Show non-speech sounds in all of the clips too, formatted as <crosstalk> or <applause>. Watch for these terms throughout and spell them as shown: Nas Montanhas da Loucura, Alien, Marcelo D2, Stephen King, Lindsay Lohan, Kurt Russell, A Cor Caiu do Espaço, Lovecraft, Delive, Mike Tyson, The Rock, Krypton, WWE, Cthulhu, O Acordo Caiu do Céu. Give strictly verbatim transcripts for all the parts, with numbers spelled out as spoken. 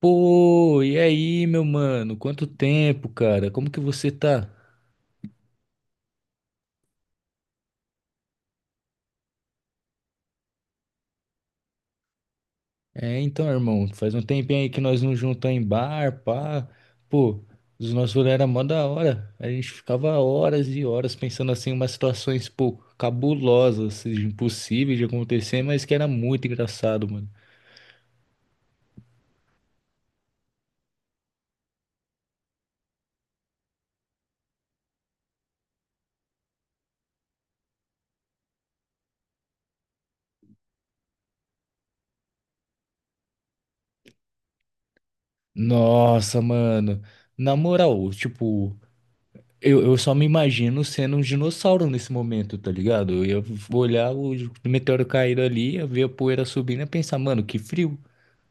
Pô, e aí, meu mano? Quanto tempo, cara? Como que você tá? É, então, irmão, faz um tempinho aí que nós não juntamos em bar, pá. Pô, os nossos rolês eram mó da hora. A gente ficava horas e horas pensando assim, umas situações, pô, cabulosas, assim, impossíveis de acontecer, mas que era muito engraçado, mano. Nossa, mano. Na moral, tipo. Eu, eu só me imagino sendo um dinossauro nesse momento, tá ligado? Eu ia olhar o meteoro cair ali, ia ver a poeira subindo e pensar, mano, que frio.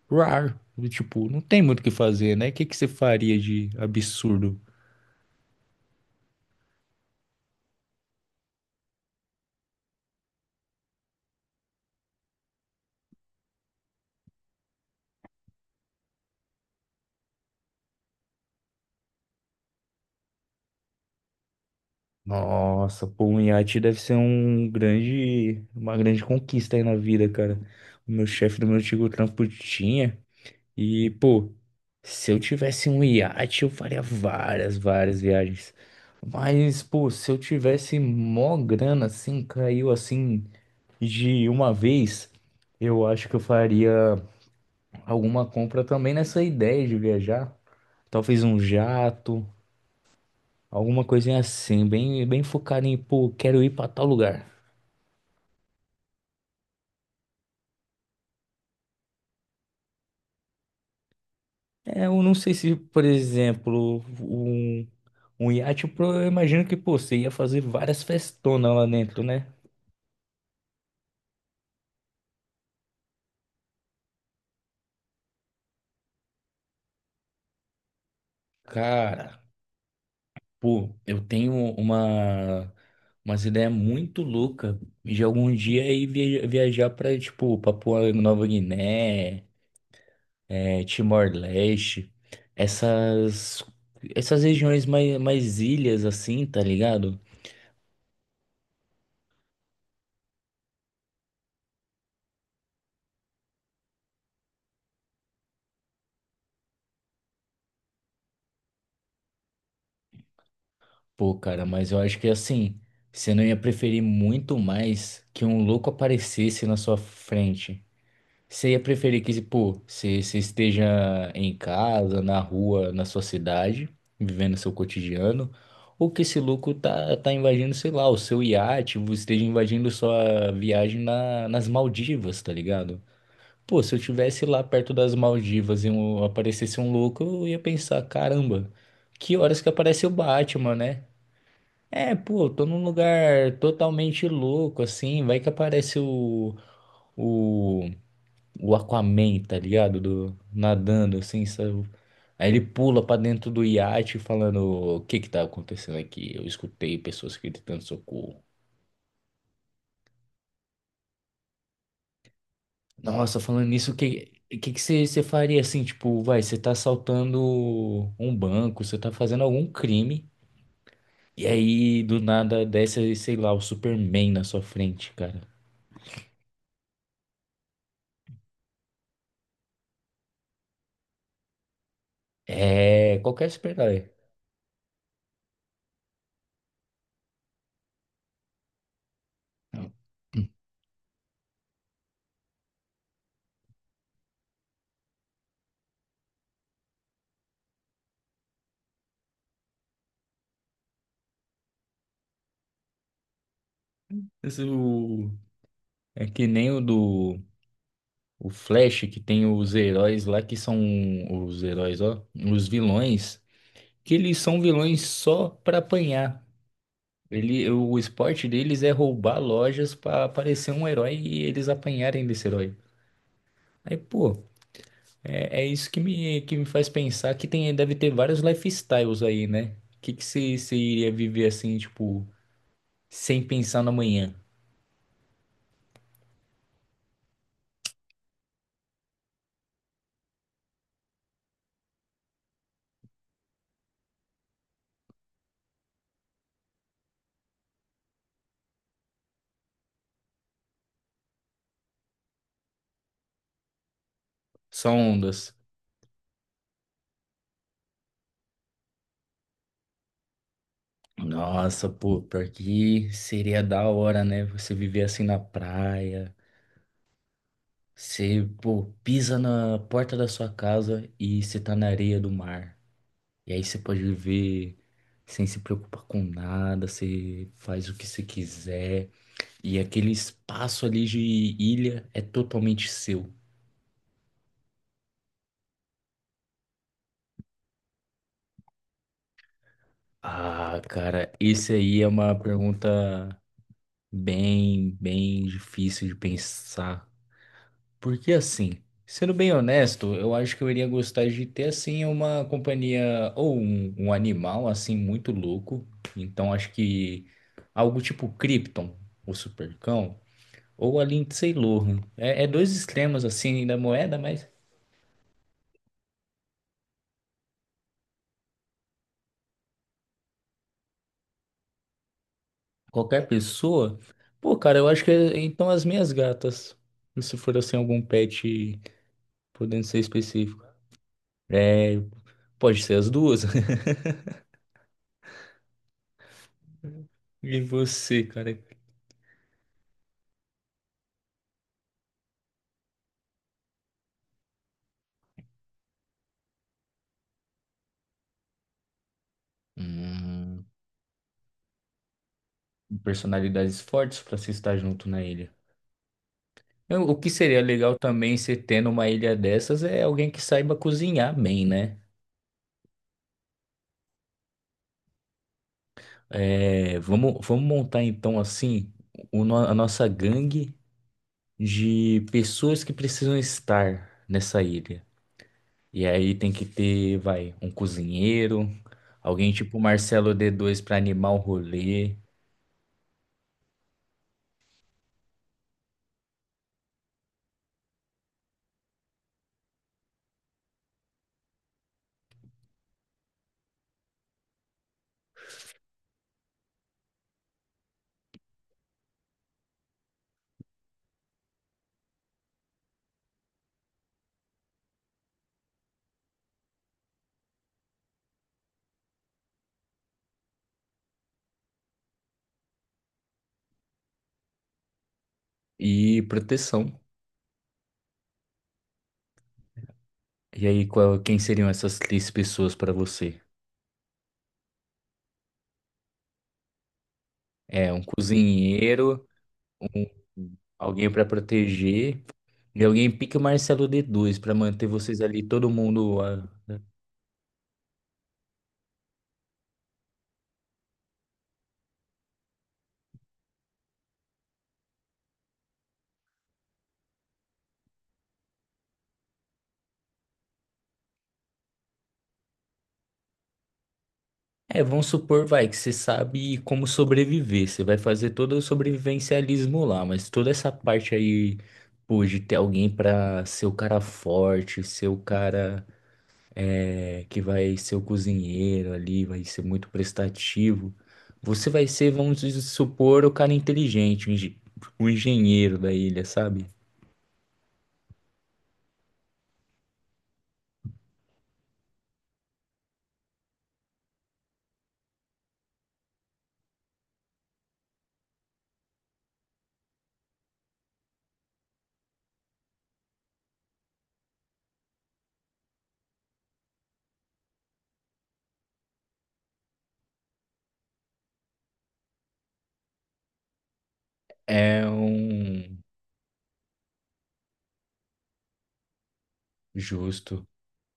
Rar. Tipo, não tem muito o que fazer, né? O que que você faria de absurdo? Nossa, pô, um iate deve ser um grande, uma grande conquista aí na vida, cara. O meu chefe do meu antigo trampo tinha. E, pô, se eu tivesse um iate, eu faria várias, várias viagens. Mas, pô, se eu tivesse mó grana assim, caiu assim de uma vez, eu acho que eu faria alguma compra também nessa ideia de viajar. Talvez um jato, alguma coisinha assim, bem, bem focado em, pô, quero ir pra tal lugar. É, eu não sei se, por exemplo, um, um iate, eu pro- eu imagino que, pô, você ia fazer várias festonas lá dentro, né? Cara, pô, eu tenho uma umas ideias muito louca de algum dia ir via- viajar pra, tipo Papua Nova Guiné, é, Timor-Leste, essas essas regiões mais, mais ilhas assim, tá ligado? Pô, cara, mas eu acho que assim, você não ia preferir muito mais que um louco aparecesse na sua frente. Você ia preferir que, pô, você, você esteja em casa, na rua, na sua cidade, vivendo seu cotidiano, ou que esse louco tá, tá invadindo, sei lá, o seu iate, você esteja invadindo sua viagem na, nas Maldivas, tá ligado? Pô, se eu tivesse lá perto das Maldivas e um- aparecesse um louco, eu ia pensar, caramba, que horas que aparece o Batman, né? É, pô, eu tô num lugar totalmente louco, assim, vai que aparece o... o o Aquaman, tá ligado? Do, nadando, assim, sabe? Aí ele pula pra dentro do iate falando o que que tá acontecendo aqui. Eu escutei pessoas gritando socorro. Nossa, falando nisso, o que o que que você você faria assim? Tipo, vai, você tá assaltando um banco, você tá fazendo algum crime, e aí do nada desce, sei lá, o Superman na sua frente, cara. É, qualquer super-herói. Esse, o- É que nem o do O Flash, que tem os heróis lá, que são os heróis, ó, os vilões, que eles são vilões só pra apanhar. Ele, o esporte deles é roubar lojas pra aparecer um herói e eles apanharem desse herói. Aí, pô, é, é isso que me, que me faz pensar que tem, deve ter vários lifestyles aí, né? O que que você você iria viver assim, tipo, sem pensar no amanhã? Só ondas. Nossa, pô, pior que seria da hora, né? Você viver assim na praia. Você, pô, pisa na porta da sua casa e você tá na areia do mar. E aí você pode viver sem se preocupar com nada, você faz o que você quiser. E aquele espaço ali de ilha é totalmente seu. Ah, cara, esse aí é uma pergunta bem, bem difícil de pensar. Porque assim, sendo bem honesto, eu acho que eu iria gostar de ter assim uma companhia ou um, um animal assim muito louco. Então acho que algo tipo Krypton, o Supercão, ou a Lindsay Lohan. É, é dois extremos assim da moeda, mas qualquer pessoa. Pô, cara, eu acho que é- então as minhas gatas, se for assim algum pet, podendo ser específico. É, pode ser as duas. <laughs> E você, cara? Hum. Personalidades fortes para se estar junto na ilha. Eu- O que seria legal também se tendo uma ilha dessas é alguém que saiba cozinhar bem, né? É, vamos, vamos montar então assim o no- a nossa gangue de pessoas que precisam estar nessa ilha. E aí tem que ter, vai, um cozinheiro, alguém tipo Marcelo D dois para animar o rolê e proteção. E aí, qual- quem seriam essas três pessoas para você? É, um cozinheiro. um- Alguém para proteger e alguém pique o Marcelo d dois para manter vocês ali, todo mundo. ah, né? É, vamos supor, vai, que você sabe como sobreviver. Você vai fazer todo o sobrevivencialismo lá, mas toda essa parte aí, pô, de ter alguém para ser o cara forte, ser o cara é, que vai ser o cozinheiro ali, vai ser muito prestativo. Você vai ser, vamos dizer, supor, o cara inteligente, o engen- o engenheiro da ilha, sabe? É um. Justo.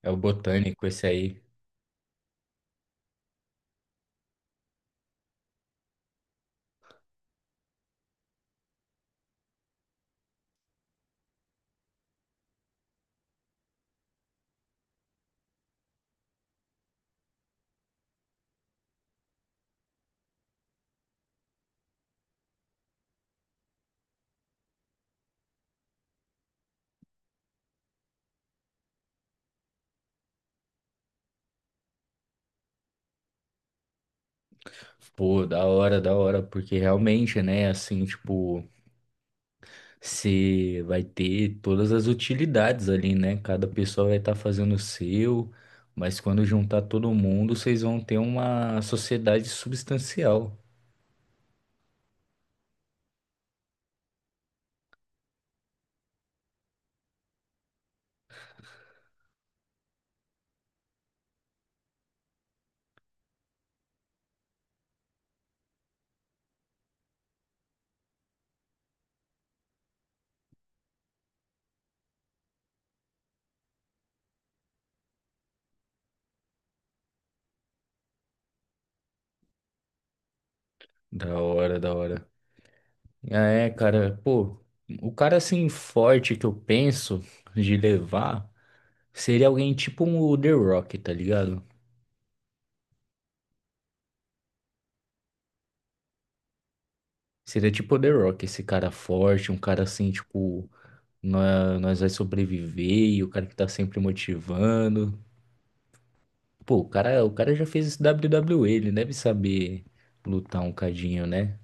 É o botânico esse aí. Pô, da hora, da hora, porque realmente, né, assim, tipo, você vai ter todas as utilidades ali, né? Cada pessoa vai estar fazendo o seu, mas quando juntar todo mundo, vocês vão ter uma sociedade substancial. Da hora, da hora. Ah, é, cara, pô, o cara assim forte que eu penso de levar seria alguém tipo um The Rock, tá ligado? Seria tipo The Rock, esse cara forte, um cara assim, tipo, nó- nós vai sobreviver, e o cara que tá sempre motivando. Pô, o cara, o cara já fez esse W W E, ele deve saber lutar um cadinho, né?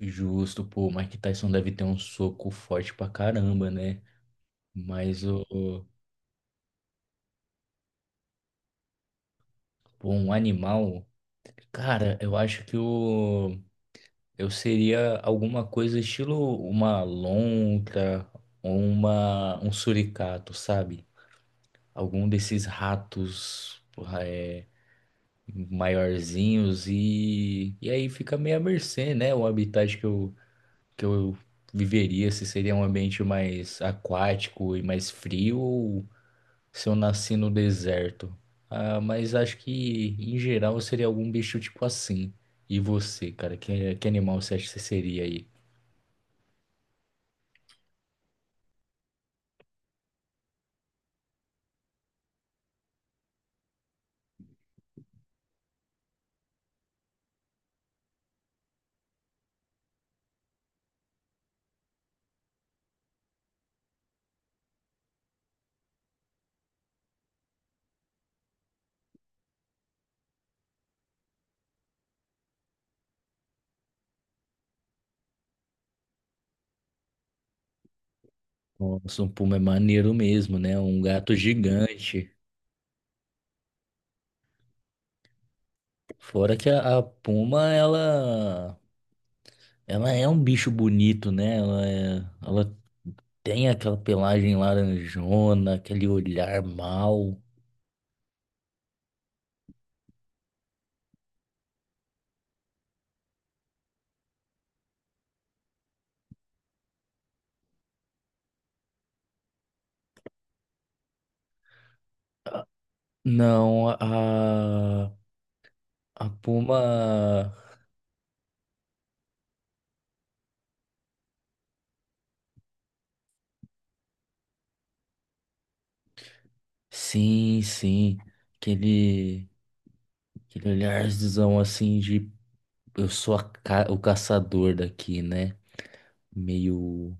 Justo, pô, o Mike Tyson deve ter um soco forte pra caramba, né? Mas o, o- pô, um animal, cara, eu acho que o eu seria alguma coisa estilo uma lontra, uma um suricato, sabe? Algum desses ratos porra, é, maiorzinhos e, e aí fica meio à mercê, né? O habitat que eu, que eu viveria, se seria um ambiente mais aquático e mais frio ou se eu nasci no deserto. Ah, mas acho que em geral eu seria algum bicho tipo assim. E você, cara, que, que animal você acha que você seria aí? Nossa, um puma é maneiro mesmo, né? Um gato gigante. Fora que a, a puma, ela Ela é um bicho bonito, né? Ela, é- ela tem aquela pelagem laranjona, aquele olhar mau. Não, a, a Puma. Sim, sim. Aquele, aquele olharzão assim de eu sou a ca- o caçador daqui, né? Meio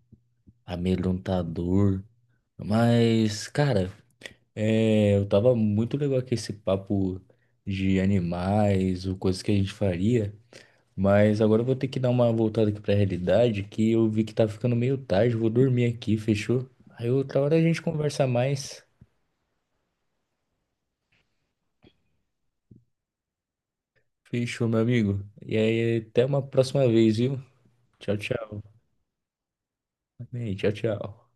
amedrontador. Mas, cara, é, eu tava muito legal com esse papo de animais, ou coisas que a gente faria. Mas agora eu vou ter que dar uma voltada aqui pra realidade, que eu vi que tá ficando meio tarde, vou dormir aqui, fechou? Aí outra hora a gente conversa mais. Fechou, meu amigo? E aí, até uma próxima vez, viu? Tchau, tchau. Amém, tchau, tchau.